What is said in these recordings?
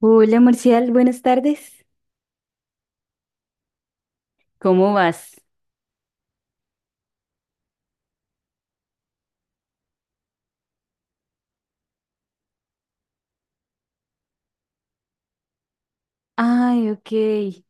Hola Marcial, buenas tardes. ¿Cómo vas? Ay, ok.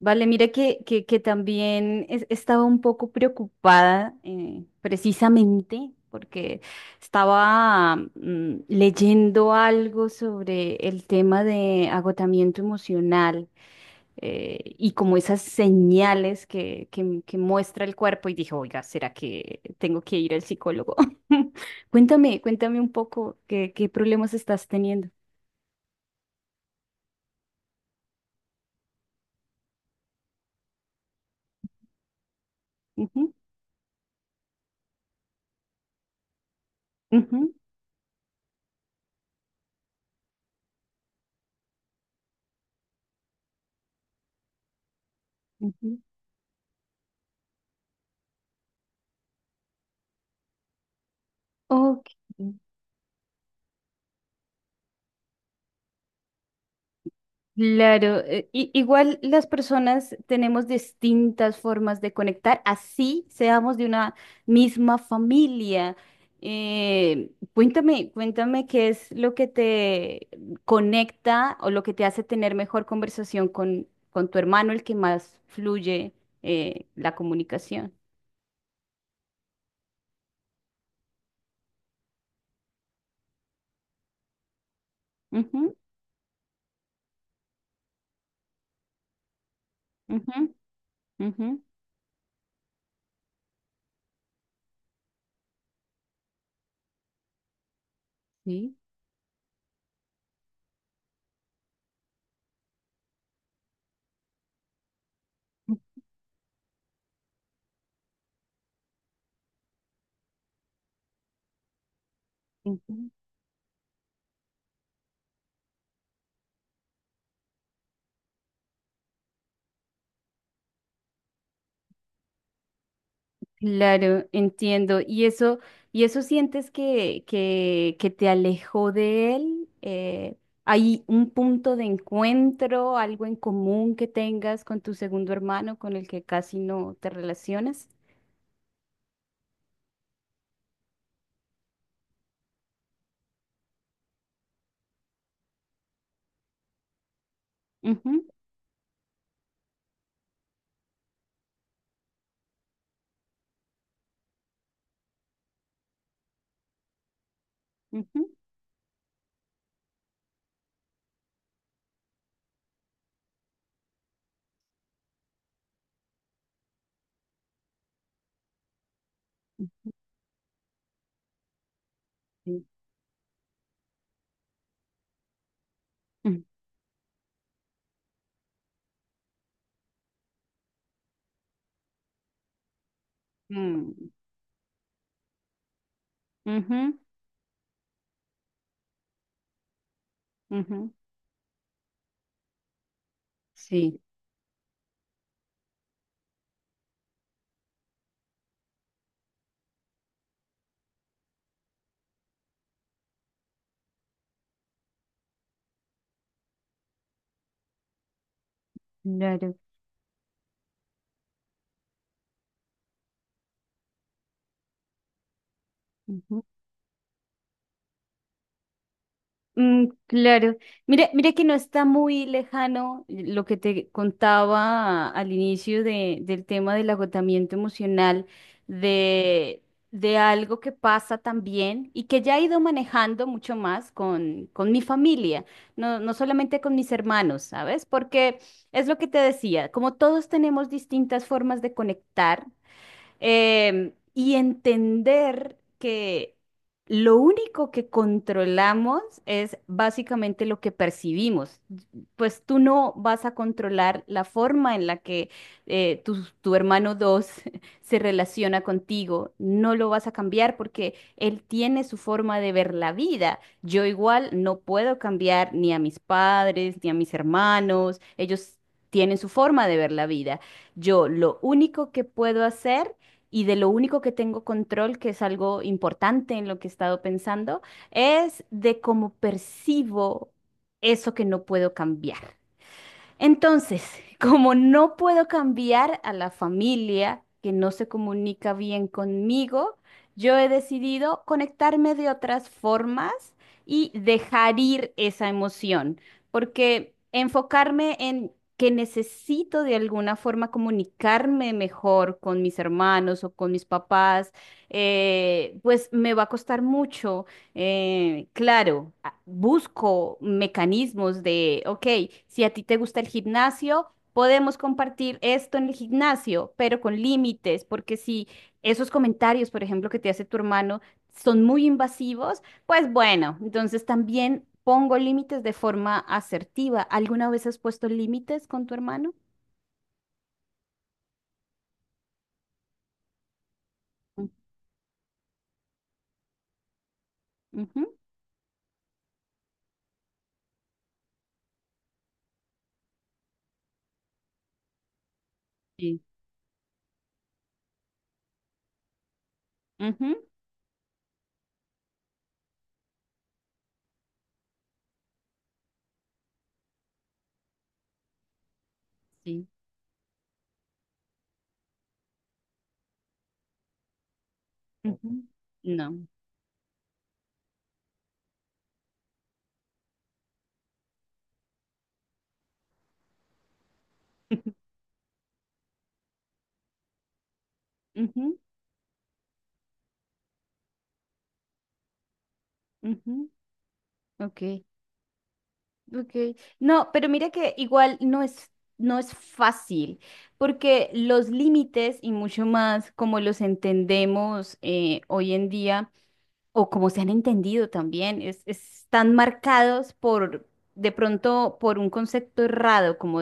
Vale, mira que también estaba un poco preocupada, precisamente porque estaba, leyendo algo sobre el tema de agotamiento emocional, y como esas señales que muestra el cuerpo, y dije, oiga, ¿será que tengo que ir al psicólogo? Cuéntame, cuéntame un poco qué, qué problemas estás teniendo. Ujú, ujú, ujú. Ok, claro. Igual las personas tenemos distintas formas de conectar, así seamos de una misma familia. Cuéntame, cuéntame qué es lo que te conecta o lo que te hace tener mejor conversación con tu hermano, el que más fluye, la comunicación. Ujú, ujú, ujú, sí. Ujú. Claro, entiendo. Y eso sientes que te alejó de él? ¿Hay un punto de encuentro, algo en común que tengas con tu segundo hermano con el que casi no te relacionas? Ujú, ujú. Sí. Mm, mm, ujú, ujú. Sí. Claro. Mm, claro. Mira, mira que no está muy lejano lo que te contaba al inicio del tema del agotamiento emocional, de, de algo que pasa también y que ya he ido manejando mucho más con mi familia, no, no solamente con mis hermanos, ¿sabes? Porque es lo que te decía, como todos tenemos distintas formas de conectar. Y entender que lo único que controlamos es básicamente lo que percibimos. Pues tú no vas a controlar la forma en la que eh, tu, tu hermano 2 se relaciona contigo. No lo vas a cambiar porque él tiene su forma de ver la vida. Yo igual no puedo cambiar ni a mis padres, ni a mis hermanos. Ellos tienen su forma de ver la vida. Yo lo único que puedo hacer y de lo único que tengo control, que es algo importante en lo que he estado pensando, es de cómo percibo eso que no puedo cambiar. Entonces, como no puedo cambiar a la familia que no se comunica bien conmigo, yo he decidido conectarme de otras formas y dejar ir esa emoción, porque enfocarme en que necesito de alguna forma comunicarme mejor con mis hermanos o con mis papás, pues me va a costar mucho. Claro, busco mecanismos de, ok, si a ti te gusta el gimnasio, podemos compartir esto en el gimnasio, pero con límites, porque si esos comentarios, por ejemplo, que te hace tu hermano, son muy invasivos, pues bueno, entonces también pongo límites de forma asertiva. ¿Alguna vez has puesto límites con tu hermano? Mm, ujú, sí. Ujú, sí. Ujú, no. Ujú, ujú, ok. Okay. No, pero mira que igual no es, no es fácil, porque los límites, y mucho más como los entendemos, hoy en día, o como se han entendido también, es, están marcados por, de pronto, por un concepto errado, como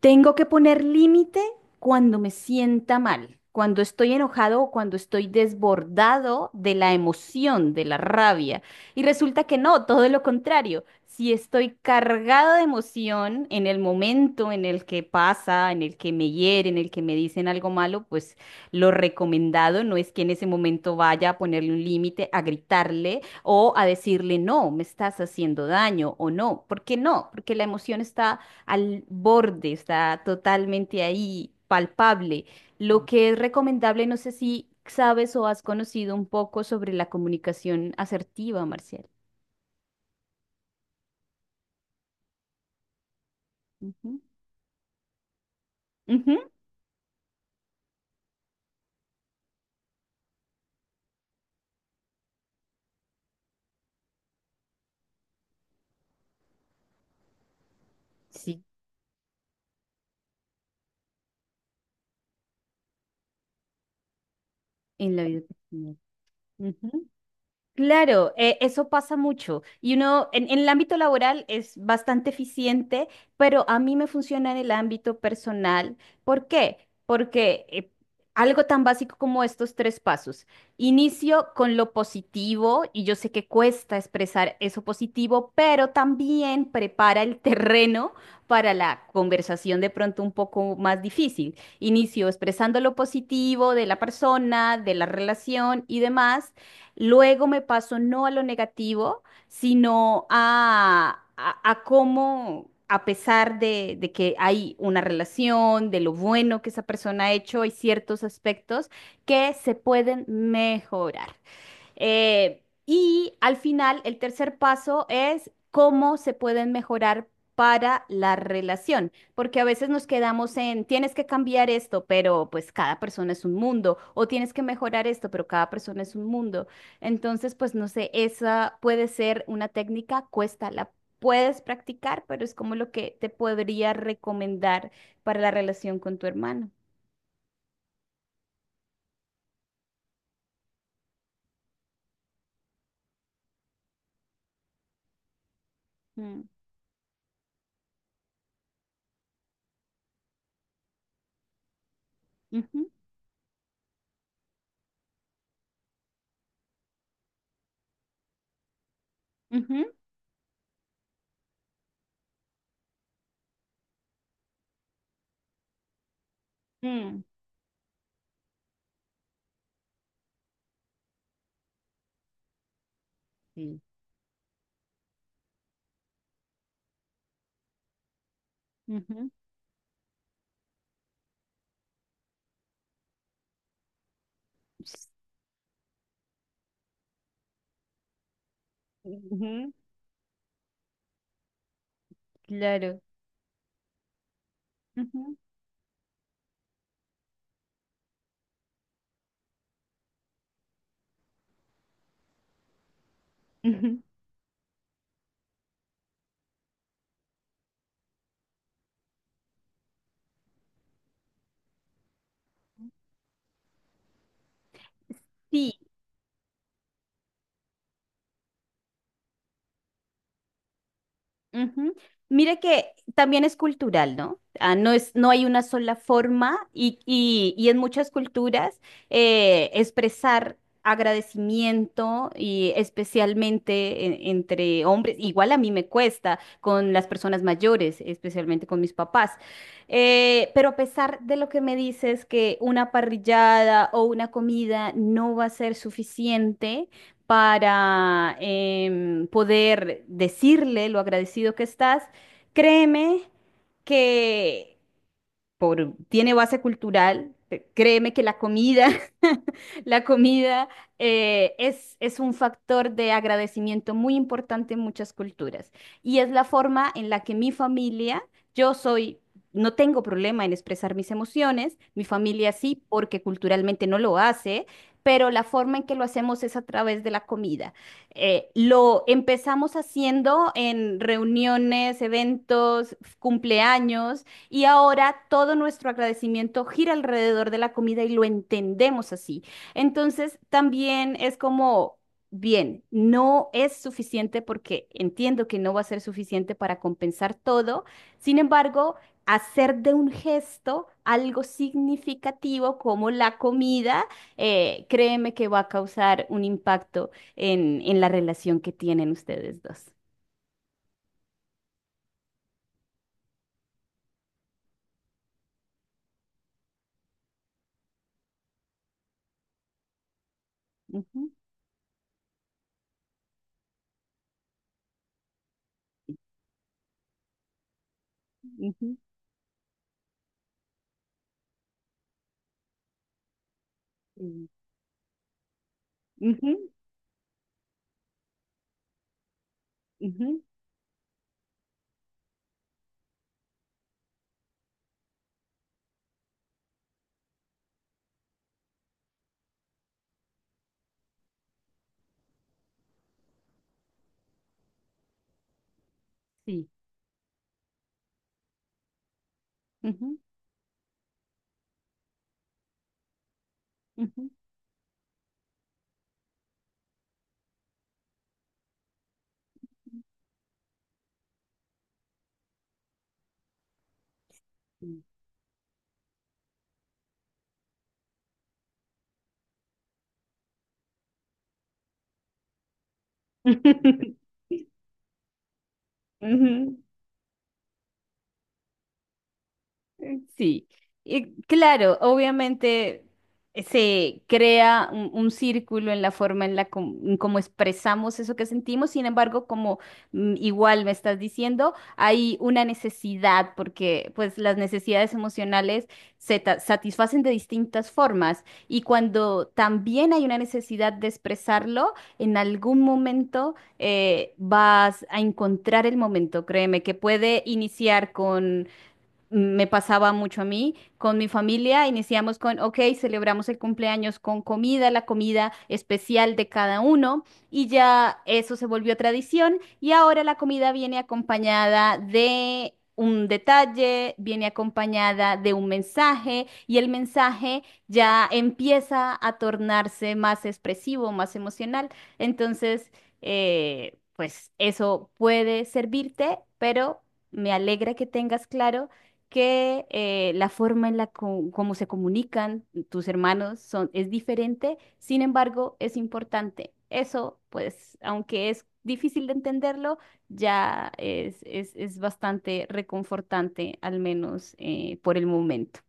tengo que poner límite cuando me sienta mal, cuando estoy enojado o cuando estoy desbordado de la emoción, de la rabia. Y resulta que no, todo lo contrario. Si estoy cargado de emoción en el momento en el que pasa, en el que me hieren, en el que me dicen algo malo, pues lo recomendado no es que en ese momento vaya a ponerle un límite, a gritarle o a decirle, no, me estás haciendo daño o no. ¿Por qué no? Porque la emoción está al borde, está totalmente ahí, palpable. Lo que es recomendable, no sé si sabes o has conocido un poco sobre la comunicación asertiva, Marcial. Ujú. Ujú. Sí, en la vida personal. Ujú. Claro, eso pasa mucho. Y uno, en el ámbito laboral es bastante eficiente, pero a mí me funciona en el ámbito personal. ¿Por qué? Porque algo tan básico como estos tres pasos. Inicio con lo positivo, y yo sé que cuesta expresar eso positivo, pero también prepara el terreno para la conversación de pronto un poco más difícil. Inicio expresando lo positivo de la persona, de la relación y demás. Luego me paso no a lo negativo, sino a cómo, a pesar de que hay una relación, de lo bueno que esa persona ha hecho, hay ciertos aspectos que se pueden mejorar. Y al final, el tercer paso es cómo se pueden mejorar para la relación, porque a veces nos quedamos en, tienes que cambiar esto, pero pues cada persona es un mundo, o tienes que mejorar esto, pero cada persona es un mundo. Entonces, pues no sé, esa puede ser una técnica, cuesta, la puedes practicar, pero es como lo que te podría recomendar para la relación con tu hermano. Mm, ujú, ujú, mm, sí, ujú. Ujú, claro. Ujú, ujú. Sí, ujú. Mira que también es cultural, ¿no? Ah, no es, no hay una sola forma y, y en muchas culturas, expresar agradecimiento, y especialmente entre hombres, igual a mí me cuesta con las personas mayores, especialmente con mis papás. Pero a pesar de lo que me dices que una parrillada o una comida no va a ser suficiente, para, poder decirle lo agradecido que estás, créeme que por, tiene base cultural. Créeme que la comida, la comida, es un factor de agradecimiento muy importante en muchas culturas. Y es la forma en la que mi familia, yo soy, no tengo problema en expresar mis emociones, mi familia sí, porque culturalmente no lo hace. Pero la forma en que lo hacemos es a través de la comida. Lo empezamos haciendo en reuniones, eventos, cumpleaños, y ahora todo nuestro agradecimiento gira alrededor de la comida y lo entendemos así. Entonces, también es como, bien, no es suficiente porque entiendo que no va a ser suficiente para compensar todo. Sin embargo, hacer de un gesto algo significativo como la comida, créeme que va a causar un impacto en la relación que tienen ustedes dos. Ujú, ujú, sí. Ujú, ujú, sí. Ujú. Ujú. Ujú. Sí, y claro, obviamente, se crea un círculo en la forma en cómo expresamos eso que sentimos, sin embargo, como, igual me estás diciendo, hay una necesidad, porque pues las necesidades emocionales satisfacen de distintas formas, y cuando también hay una necesidad de expresarlo, en algún momento, vas a encontrar el momento, créeme, que puede iniciar con, me pasaba mucho a mí, con mi familia iniciamos con, ok, celebramos el cumpleaños con comida, la comida especial de cada uno, y ya eso se volvió tradición, y ahora la comida viene acompañada de... Un detalle viene acompañada de un mensaje, y el mensaje ya empieza a tornarse más expresivo, más emocional. Entonces, pues eso puede servirte, pero me alegra que tengas claro que, la forma como se comunican tus hermanos son, es diferente, sin embargo, es importante. Eso, pues, aunque es difícil de entenderlo, ya es bastante reconfortante, al menos, por el momento.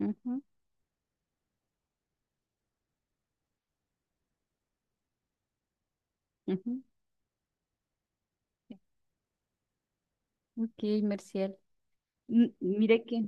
Ujú, ujú. Ok, Merciel. Mire que,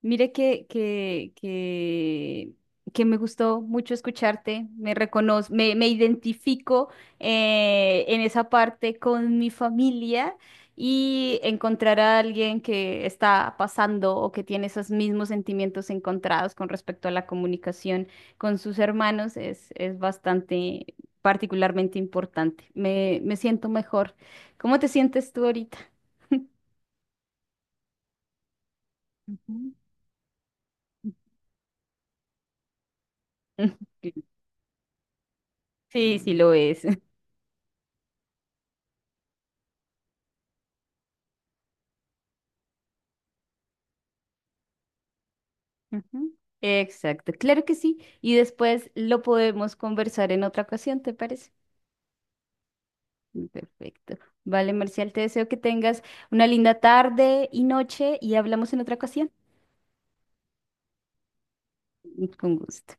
mire que, que, que, que me gustó mucho escucharte, me reconozco, me identifico, en esa parte con mi familia, y encontrar a alguien que está pasando o que tiene esos mismos sentimientos encontrados con respecto a la comunicación con sus hermanos es bastante, particularmente importante. Me siento mejor. ¿Cómo te sientes tú ahorita? Ujú. Sí, sí lo es. Ujú. Exacto, claro que sí. Y después lo podemos conversar en otra ocasión, ¿te parece? Perfecto. Vale, Marcial, te deseo que tengas una linda tarde y noche y hablamos en otra ocasión. Con gusto.